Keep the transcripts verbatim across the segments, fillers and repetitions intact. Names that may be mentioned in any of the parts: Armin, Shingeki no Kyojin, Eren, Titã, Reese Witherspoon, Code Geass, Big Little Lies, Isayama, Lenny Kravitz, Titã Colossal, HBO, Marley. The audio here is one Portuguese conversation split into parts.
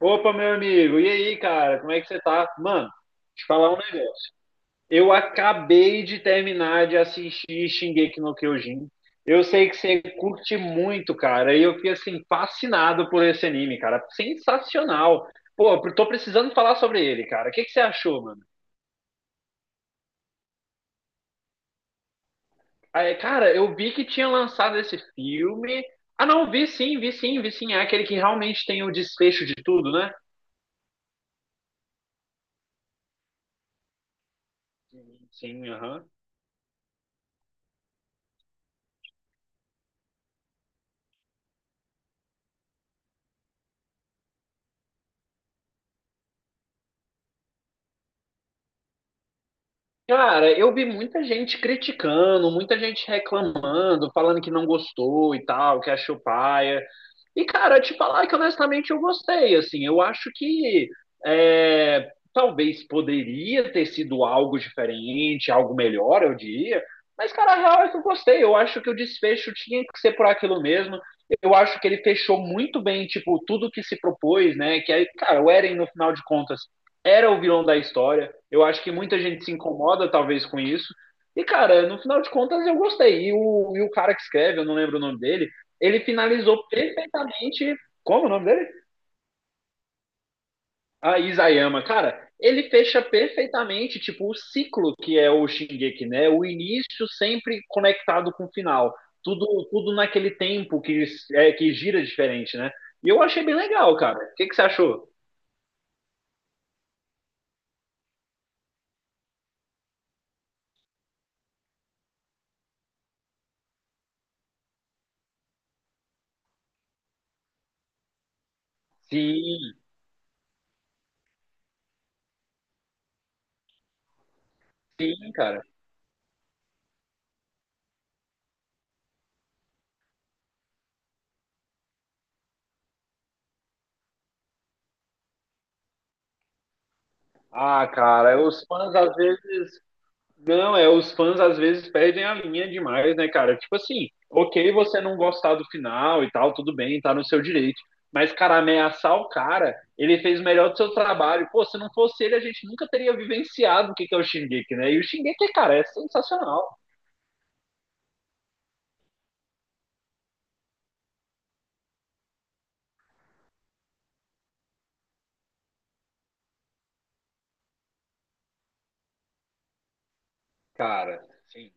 Opa, meu amigo, e aí, cara, como é que você tá? Mano, te falar um negócio. Eu acabei de terminar de assistir Shingeki no Kyojin. Eu sei que você curte muito, cara, e eu fiquei assim fascinado por esse anime, cara. Sensacional. Pô, eu tô precisando falar sobre ele, cara. O que que você achou, mano? Ah, é, cara, eu vi que tinha lançado esse filme. Ah, não, vi sim, vi sim, vi sim. É aquele que realmente tem o desfecho de tudo, né? Sim, sim, aham. Cara, eu vi muita gente criticando, muita gente reclamando, falando que não gostou e tal, que achou paia. E, cara, te falar que honestamente eu gostei, assim, eu acho que é, talvez poderia ter sido algo diferente, algo melhor, eu diria, mas, cara, a real é que eu gostei, eu acho que o desfecho tinha que ser por aquilo mesmo, eu acho que ele fechou muito bem, tipo, tudo que se propôs, né, que aí, cara, o Eren, no final de contas, era o vilão da história, eu acho que muita gente se incomoda, talvez, com isso, e, cara, no final de contas, eu gostei, e o, e o cara que escreve, eu não lembro o nome dele, ele finalizou perfeitamente. Como é o nome dele? Ah, Isayama. Cara, ele fecha perfeitamente, tipo, o ciclo que é o Shingeki, né? O início sempre conectado com o final. Tudo, tudo naquele tempo que, é, que gira diferente, né? E eu achei bem legal, cara. O que, que você achou? Sim, sim, cara. Ah, cara, os fãs às vezes. Não, é, os fãs às vezes perdem a linha demais, né, cara? Tipo assim, ok, você não gostar do final e tal, tudo bem, tá no seu direito. Mas, cara, ameaçar o cara, ele fez o melhor do seu trabalho. Pô, se não fosse ele, a gente nunca teria vivenciado o que que é o Shingeki, né? E o Shingeki, cara, é sensacional. Cara, sim.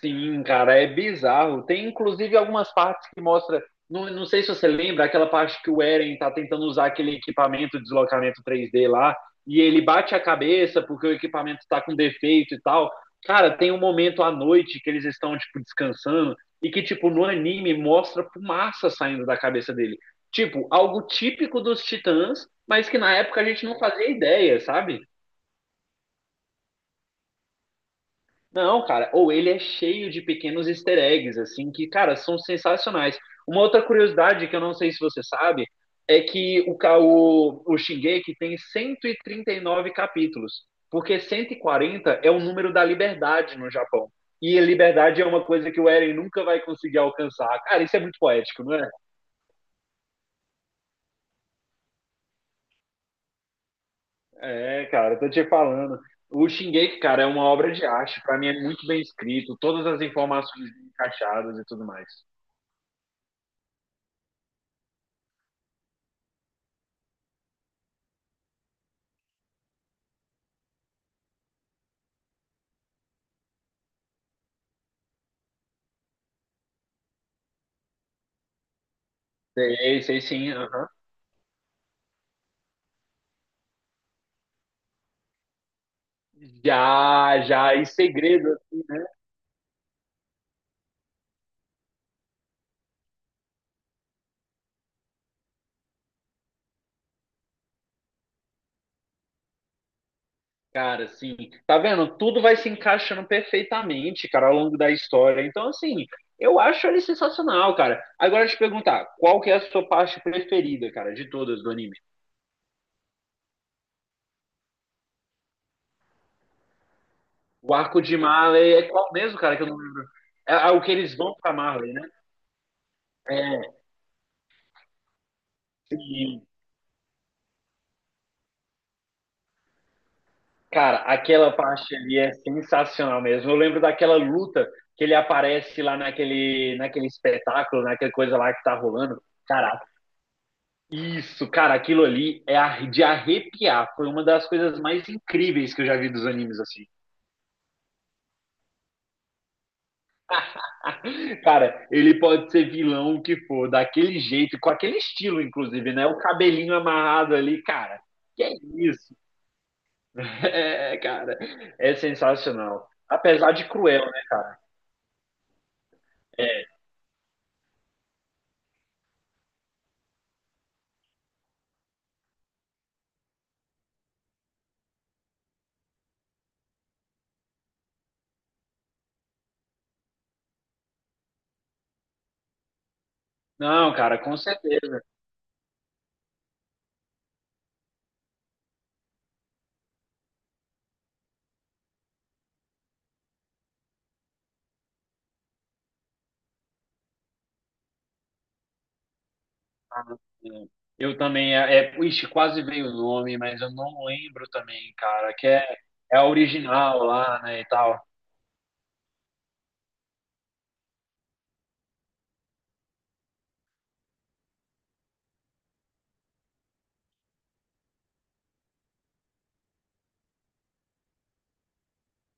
Sim, cara, é bizarro. Tem inclusive algumas partes que mostra. Não, não sei se você lembra, aquela parte que o Eren tá tentando usar aquele equipamento de deslocamento três D lá, e ele bate a cabeça porque o equipamento tá com defeito e tal. Cara, tem um momento à noite que eles estão, tipo, descansando, e que, tipo, no anime mostra fumaça saindo da cabeça dele. Tipo, algo típico dos Titãs, mas que na época a gente não fazia ideia, sabe? Não, cara, ou ele é cheio de pequenos easter eggs, assim, que, cara, são sensacionais. Uma outra curiosidade que eu não sei se você sabe é que o, ca- o, o Shingeki tem cento e trinta e nove capítulos, porque cento e quarenta é o número da liberdade no Japão. E a liberdade é uma coisa que o Eren nunca vai conseguir alcançar. Cara, isso é muito poético, não é? É, cara, eu tô te falando. O Shingeki, cara, é uma obra de arte, pra mim é muito bem escrito, todas as informações encaixadas e tudo mais. Sei, sei sim, aham. Já, já, e segredo, assim, né? Cara, assim, tá vendo? Tudo vai se encaixando perfeitamente, cara, ao longo da história. Então, assim, eu acho ele sensacional, cara. Agora, te perguntar, qual que é a sua parte preferida, cara, de todas do anime? O arco de Marley é qual mesmo, cara, que eu não lembro? É, é o que eles vão pra Marley, né? É, sim, cara, aquela parte ali é sensacional mesmo. Eu lembro daquela luta que ele aparece lá naquele, naquele espetáculo, naquela coisa lá que tá rolando. Cara, isso, cara, aquilo ali é ar- de arrepiar. Foi uma das coisas mais incríveis que eu já vi dos animes, assim. Cara, ele pode ser vilão o que for, daquele jeito, com aquele estilo, inclusive, né? O cabelinho amarrado ali, cara. Que é isso? É, cara, é sensacional. Apesar de cruel, né, cara? É, não, cara, com certeza. Ah, é. Eu também, é, é, ixi, quase veio o nome, mas eu não lembro também, cara, que é, é a original lá, né, e tal.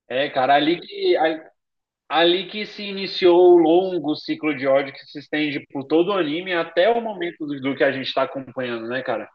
É, cara, ali que, a- ali que se iniciou o longo ciclo de ódio que se estende por todo o anime até o momento do, do que a gente está acompanhando, né, cara?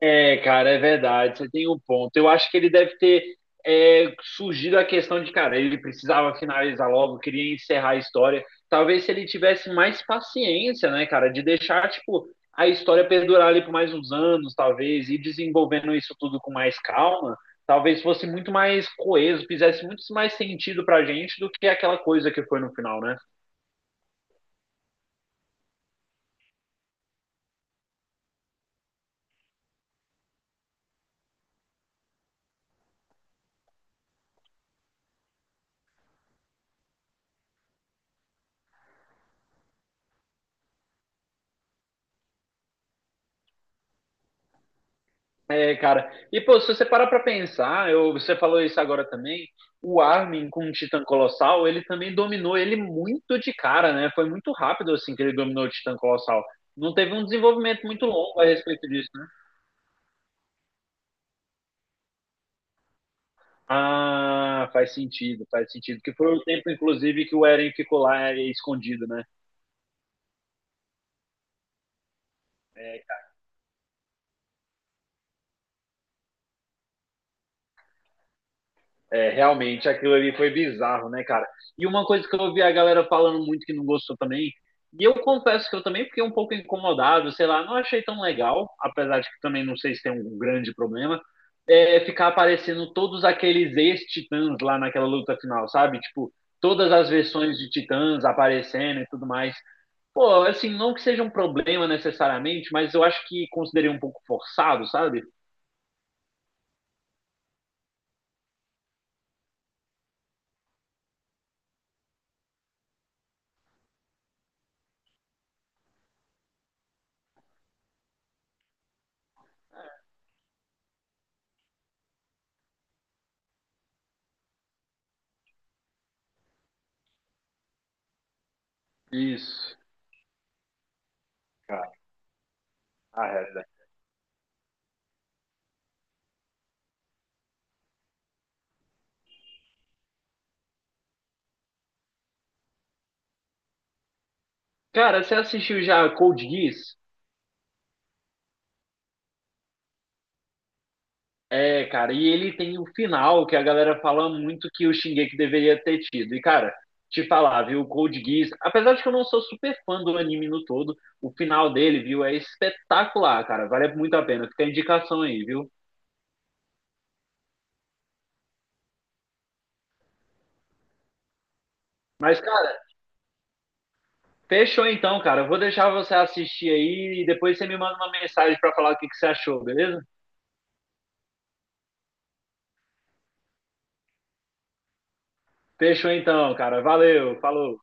É, cara, é verdade, você tem um ponto. Eu acho que ele deve ter é, surgido a questão de, cara, ele precisava finalizar logo, queria encerrar a história. Talvez se ele tivesse mais paciência, né, cara, de deixar, tipo, a história perdurar ali por mais uns anos, talvez, e desenvolvendo isso tudo com mais calma, talvez fosse muito mais coeso, fizesse muito mais sentido pra gente do que aquela coisa que foi no final, né? É, cara. E, pô, se você parar pra pensar, eu, você falou isso agora também, o Armin com o Titã Colossal, ele também dominou ele muito de cara, né? Foi muito rápido, assim, que ele dominou o Titã Colossal. Não teve um desenvolvimento muito longo a respeito disso, né? Ah, faz sentido, faz sentido. Que foi o tempo, inclusive, que o Eren ficou lá é, escondido, né? É, é, realmente, aquilo ali foi bizarro, né, cara? E uma coisa que eu ouvi a galera falando muito que não gostou também, e eu confesso que eu também fiquei um pouco incomodado, sei lá, não achei tão legal, apesar de que também não sei se tem um grande problema, é, ficar aparecendo todos aqueles ex-titãs lá naquela luta final, sabe? Tipo, todas as versões de titãs aparecendo e tudo mais. Pô, assim, não que seja um problema necessariamente, mas eu acho que considerei um pouco forçado, sabe? Isso, cara, a realidade. Cara, você assistiu já Code Geass? É, cara, e ele tem o final que a galera fala muito que o Shingeki deveria ter tido. E, cara, te falar, viu, o Code Geass, apesar de que eu não sou super fã do anime no todo, o final dele, viu, é espetacular, cara. Vale muito a pena. Fica a indicação aí, viu? Mas, cara, fechou então, cara. Eu vou deixar você assistir aí e depois você me manda uma mensagem pra falar o que que você achou, beleza? Fechou então, cara. Valeu, falou.